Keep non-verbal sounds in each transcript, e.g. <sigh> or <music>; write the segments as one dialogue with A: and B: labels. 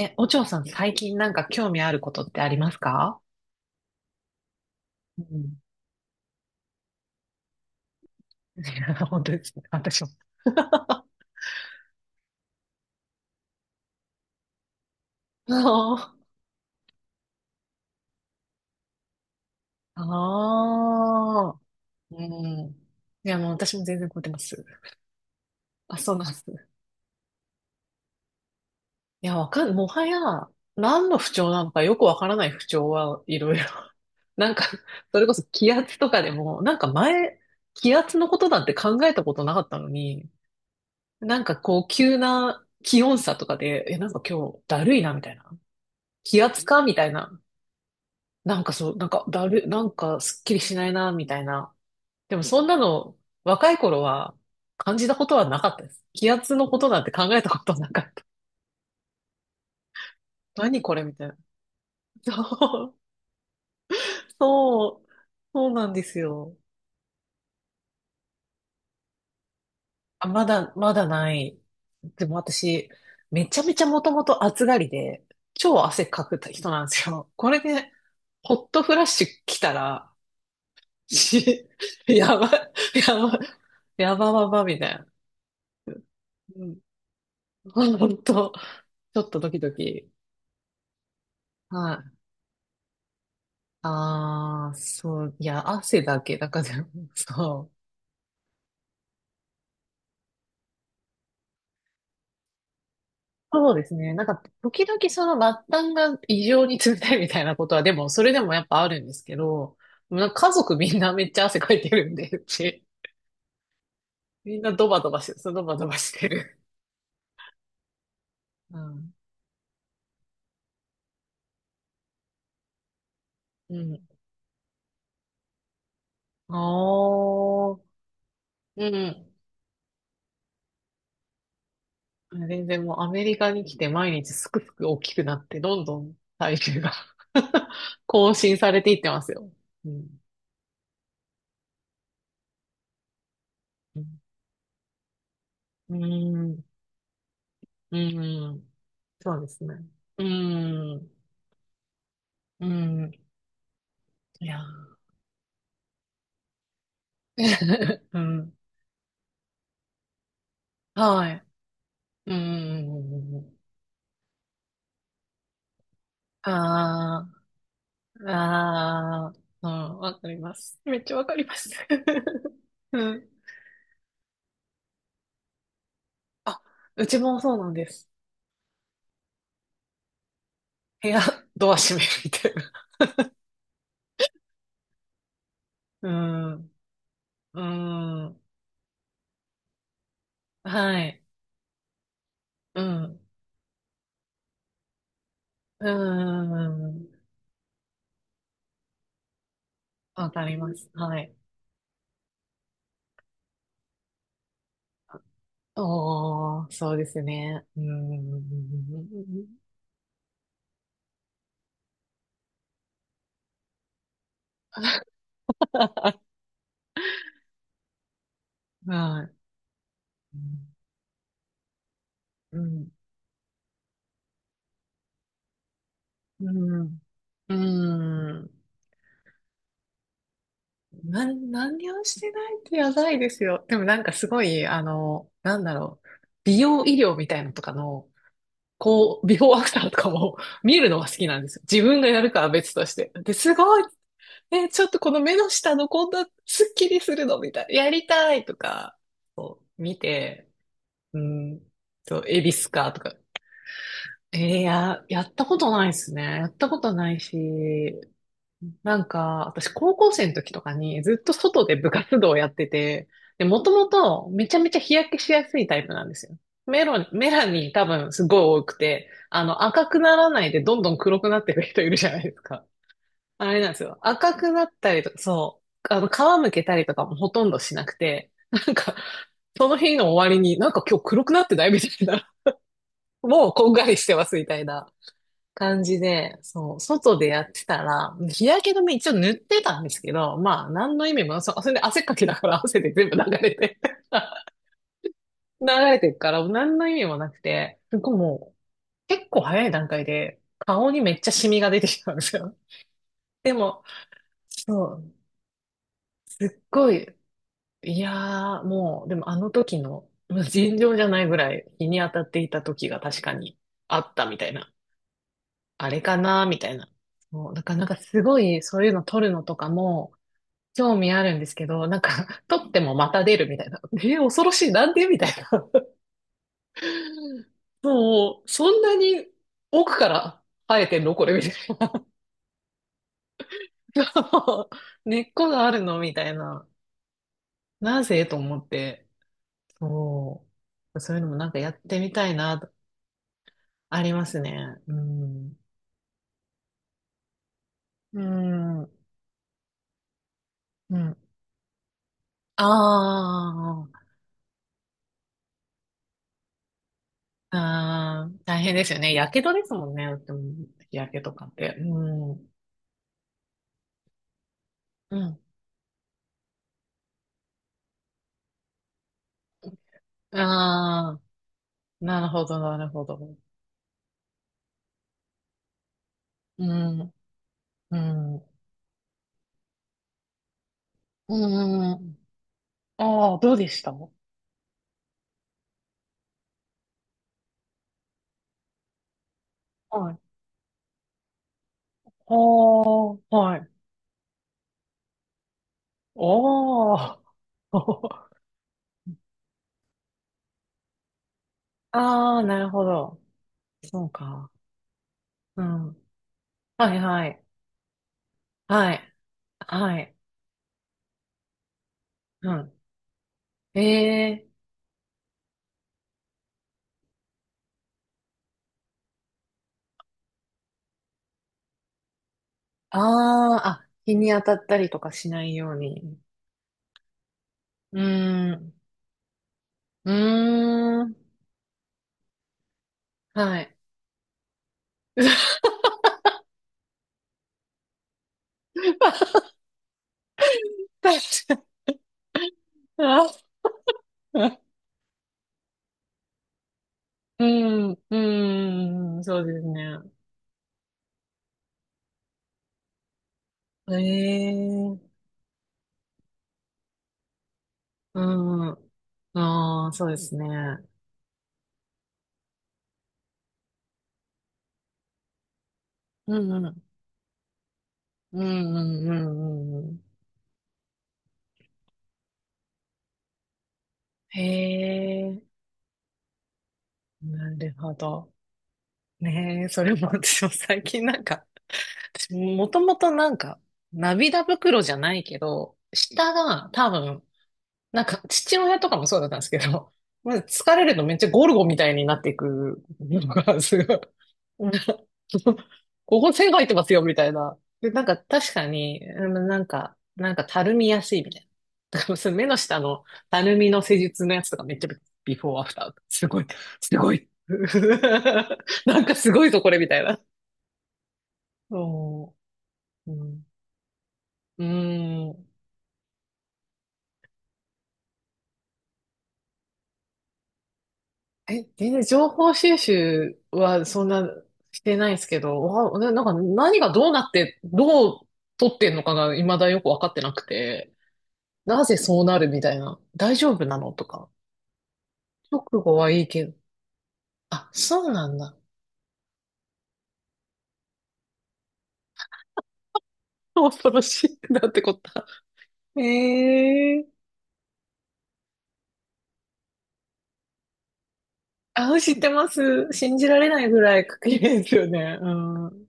A: え、お嬢さん、最近なんか興味あることってありますか？うん。<laughs> 本当ですね。私も。<laughs> ああ。ああ、うん。いや、もう私も全然超えてます。あ、そうなんです。いや、わかん、もはや、何の不調なのかよくわからない不調はいろいろ。<laughs> なんか、それこそ気圧とかでも、なんか前、気圧のことなんて考えたことなかったのに、なんかこう、急な気温差とかで、え、なんか今日だるいな、みたいな。気圧かみたいな。なんかそう、なんかだる、なんかすっきりしないな、みたいな。でもそんなの、若い頃は感じたことはなかったです。気圧のことなんて考えたことなかった。何これみたいな。そう、そう、そうなんですよ。あ、まだない。でも私、めちゃめちゃもともと暑がりで、超汗かく人なんですよ。これで、ホットフラッシュ来たら、し、<laughs> やば、やば、やばばばみたいな。うん。<laughs> 本当、ちょっとドキドキ。はい。ああ、そう、いや、汗だけだから、<laughs> そう。そうですね。なんか、時々その末端が異常に冷たいみたいなことは、でも、それでもやっぱあるんですけど、でもなんか家族みんなめっちゃ汗かいてるんで、うち。<laughs> みんなドバドバして、そのドバドバしてる。うん。うん。ああ、うん。全然もうアメリカに来て毎日すくすく大きくなって、どんどん体重が <laughs> 更新されていってますよ。うん。うん。うーん。うん、そうですね。うーん。うーん。いやー。<laughs> うん。はい。うん。ああ。ああ。うん。わかります。めっちゃわかります。<laughs> うん。あ、うちもそうなんです。部屋、ドア閉めるみたいな。うん。うん。はい。うん。うん。うん、わかります。はい。おー、そうですね。うん。はい。うん。うん。うん。何をしてないってやばいですよ。でもなんかすごい、なんだろう。美容医療みたいなのとかの、こう、ビフォーアフターとかも <laughs> 見るのが好きなんですよ。自分がやるかは別として。で、すごい、え、ちょっとこの目の下のこんなスッキリするのみたいな。やりたいとか見て、うん、と、エビスかとか。やったことないですね。やったことないし、なんか、私高校生の時とかにずっと外で部活動をやってて、で、もともとめちゃめちゃ日焼けしやすいタイプなんですよ。メラニン多分すごい多くて、赤くならないでどんどん黒くなっていく人いるじゃないですか。あれなんですよ。赤くなったりとか、そう。あの、皮むけたりとかもほとんどしなくて、なんか、その日の終わりになんか今日黒くなってないみたいな。もうこんがりしてますみたいな感じで、そう、外でやってたら、日焼け止め一応塗ってたんですけど、まあ、何の意味も、それで汗っかきだから <laughs> 汗で全部流れて <laughs> 流れてるから、何の意味もなくて、僕もう結構早い段階で顔にめっちゃシミが出てきたんですよ。でも、そう、すっごい、いやー、もう、でもあの時の、まあ尋常じゃないぐらい日に当たっていた時が確かにあったみたいな。あれかなみたいな。もう、なからなんかすごいそういうの撮るのとかも興味あるんですけど、なんか <laughs> 撮ってもまた出るみたいな。えー、恐ろしい。なんでみたいな。<laughs> もう、そんなに奥から生えてんのこれみたいな。<laughs> そう、根っこがあるのみたいな。なぜと思って。そう。そういうのもなんかやってみたいな。ありますね。うん。うん。うん。ああ、あー、大変ですよね。やけどですもんね。うん、やけとかって。うん。うん。ああ、なるほど、なるほど。うん、うん。うん。ああ、どうでした？はい。ああ、はい。おー。<laughs> ああ、なるほど。そうか。うん。はい、はい。はい。はい。うん。ええ、ああ、あ、日に当たったりとかしないように。うーん。うーん。はい。<laughs> 確かに。うん、うん、そうですね。ええー、うん、ああ、そうですね。うん、うん、うん、うん、うん。うん、へえ、なるほど。ねえ、それも私も最近なんか、<laughs> 私もともとなんか、涙袋じゃないけど、下が多分なんか、父親とかもそうだったんですけど、<laughs> まず疲れるとめっちゃゴルゴみたいになっていくのが、すごい。<laughs> なんかここ線が入ってますよ、みたいな。で、なんか確かに、うん、なんか、なんかたるみやすいみたいな。だからその目の下のたるみの施術のやつとかめっちゃビフォーアフター。すごい、すごい。<laughs> なんかすごいぞ、これ、みたいな。そう。うん。うん。え、全然情報収集はそんなしてないですけど、わ、ななんか何がどうなって、どう取ってんのかが未だよくわかってなくて、なぜそうなるみたいな、大丈夫なのとか、直後はいいけど、あ、そうなんだ。恐ろしい。なんてこった。ええ、あ、知ってます。信じられないぐらい確認ですよね。うん。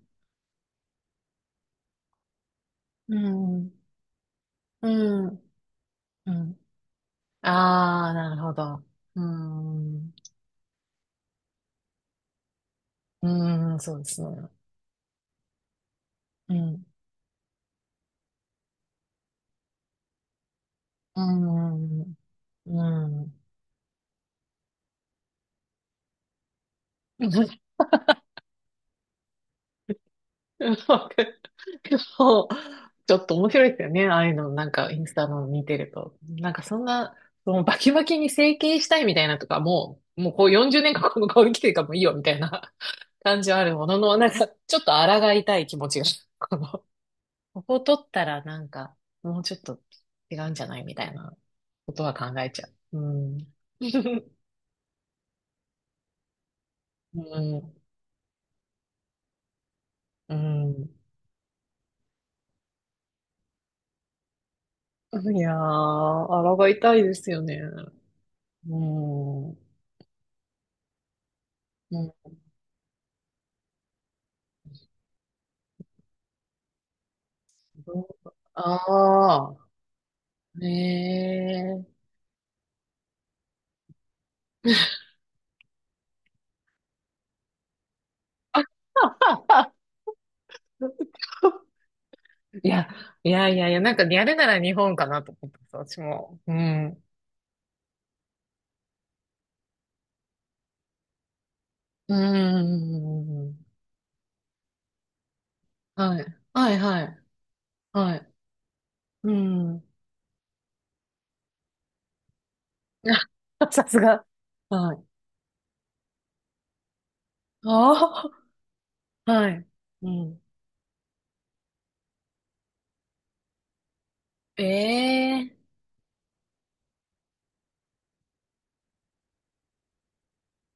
A: うん。うん。うん。ああ、なるほど。うん。うん、そうですね。うん。うん。うん。うん、わかる。でもちょっと面白いですよね。ああいうの、なんか、インスタの見てると。なんか、そんな、そのバキバキに整形したいみたいなとか、もう、もうこう40年間この顔に来てるからもういいよみたいな感じはあるものの、なんか、ちょっと抗いたい気持ちが、この、ここ取ったらなんか、もうちょっと違うんじゃないみたいなことは考えちゃう。うん。<laughs> うん。うん。いやー、抗いたいですよね。うん。うん。ああ、ねえ。ああ、いや、なんかやるなら日本かなと思ったんです、私も。うん。うん。はい。はい、はい。はい。うん。<laughs> さすが。はい。ああ、はい。うん。ええ、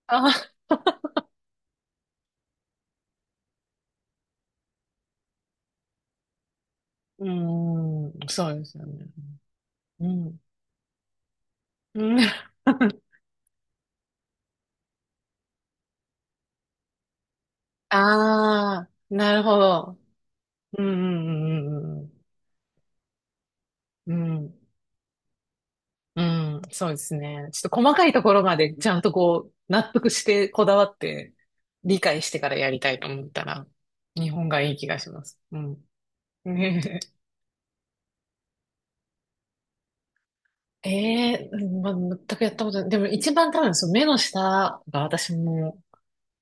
A: あ、うん。そうですよね。うん。うん。<laughs> ああ、なるほど。うん、うん、うん、うん、うん。うん、そうですね。ちょっと細かいところまでちゃんとこう、納得してこだわって理解してからやりたいと思ったら、日本がいい気がします。うん。<laughs> ねえ。ええ、まあ、全くやったことない。でも一番多分その目の下が私も、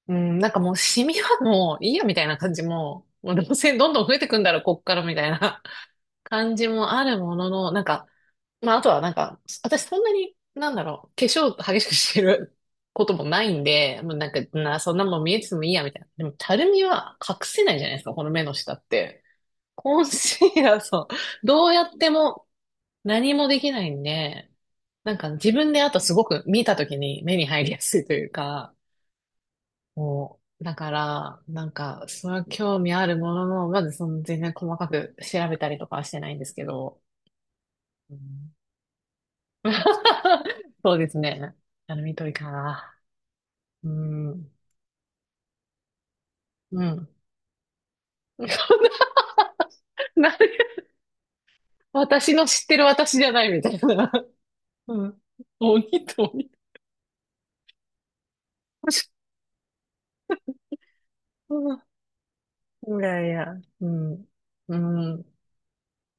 A: うん、なんかもうシミはもういいやみたいな感じも、もうどうせどんどん増えてくんだろ、こっからみたいな <laughs> 感じもあるものの、なんか、まあ、あとはなんか、私そんなに、なんだろう、化粧激しくしてることもないんで、もうなんか、な、そんなもん見えててもいいや、みたいな。でも、たるみは隠せないじゃないですか、この目の下って。コンシーラー、そう、どうやっても何もできないんで、なんか自分であとすごく見た時に目に入りやすいというか、もう、だから、なんか、その興味あるものの、まずその全然細かく調べたりとかはしてないんですけど、うん。 <laughs> そうですね。あの、緑かな。うん。うん。<laughs> そんな、な、私の知ってる私じゃないみたいな。うん。鬼と鬼。うん、いやいや、うん。うん。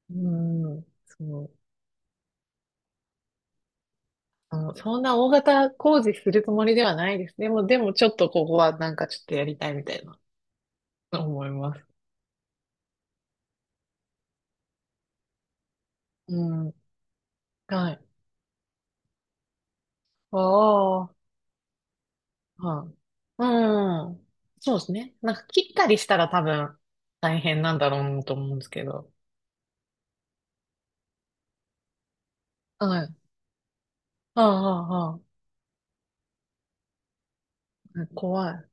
A: うん。そう。あの、そんな大型工事するつもりではないです。でも、でもちょっとここはなんかちょっとやりたいみたいな思います。うん。はい。ああ。はい。うん。そうですね。なんか切ったりしたら多分大変なんだろうなと思うんですけど。はい。はあ、はあ、はあ、怖い。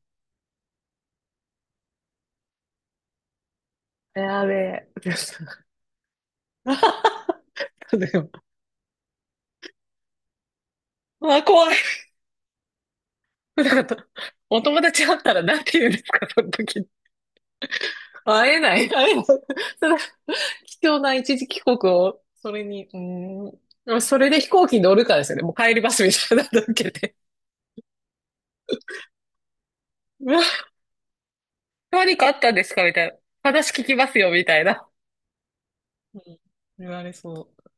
A: やべえ。です。 <laughs> でも、あ、怖い。なんかお友達会ったらなんて言うんですか、その時。会えない。会えない。それ貴重な一時帰国を、それに、うーん。それで飛行機に乗るかですよね。もう帰りますみたいなのだけで、うわ、何かあったんですかみたいな。話聞きますよ、みたいな。うん、言われそう。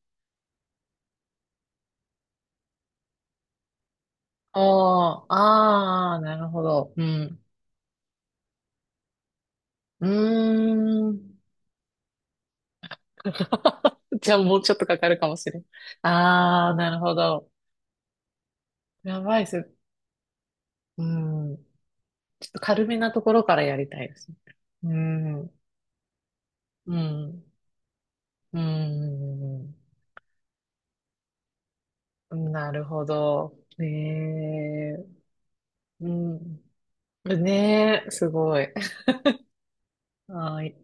A: あー、ああ、なるほど。うん。うーん。<laughs> じゃあもうちょっとかかるかもしれん。ああ、なるほど。やばいっす。うん。ちょっと軽めなところからやりたいですね。うん。うん。うん。うん、なるほど。ねえ。うん。ねえ、すごい。はい。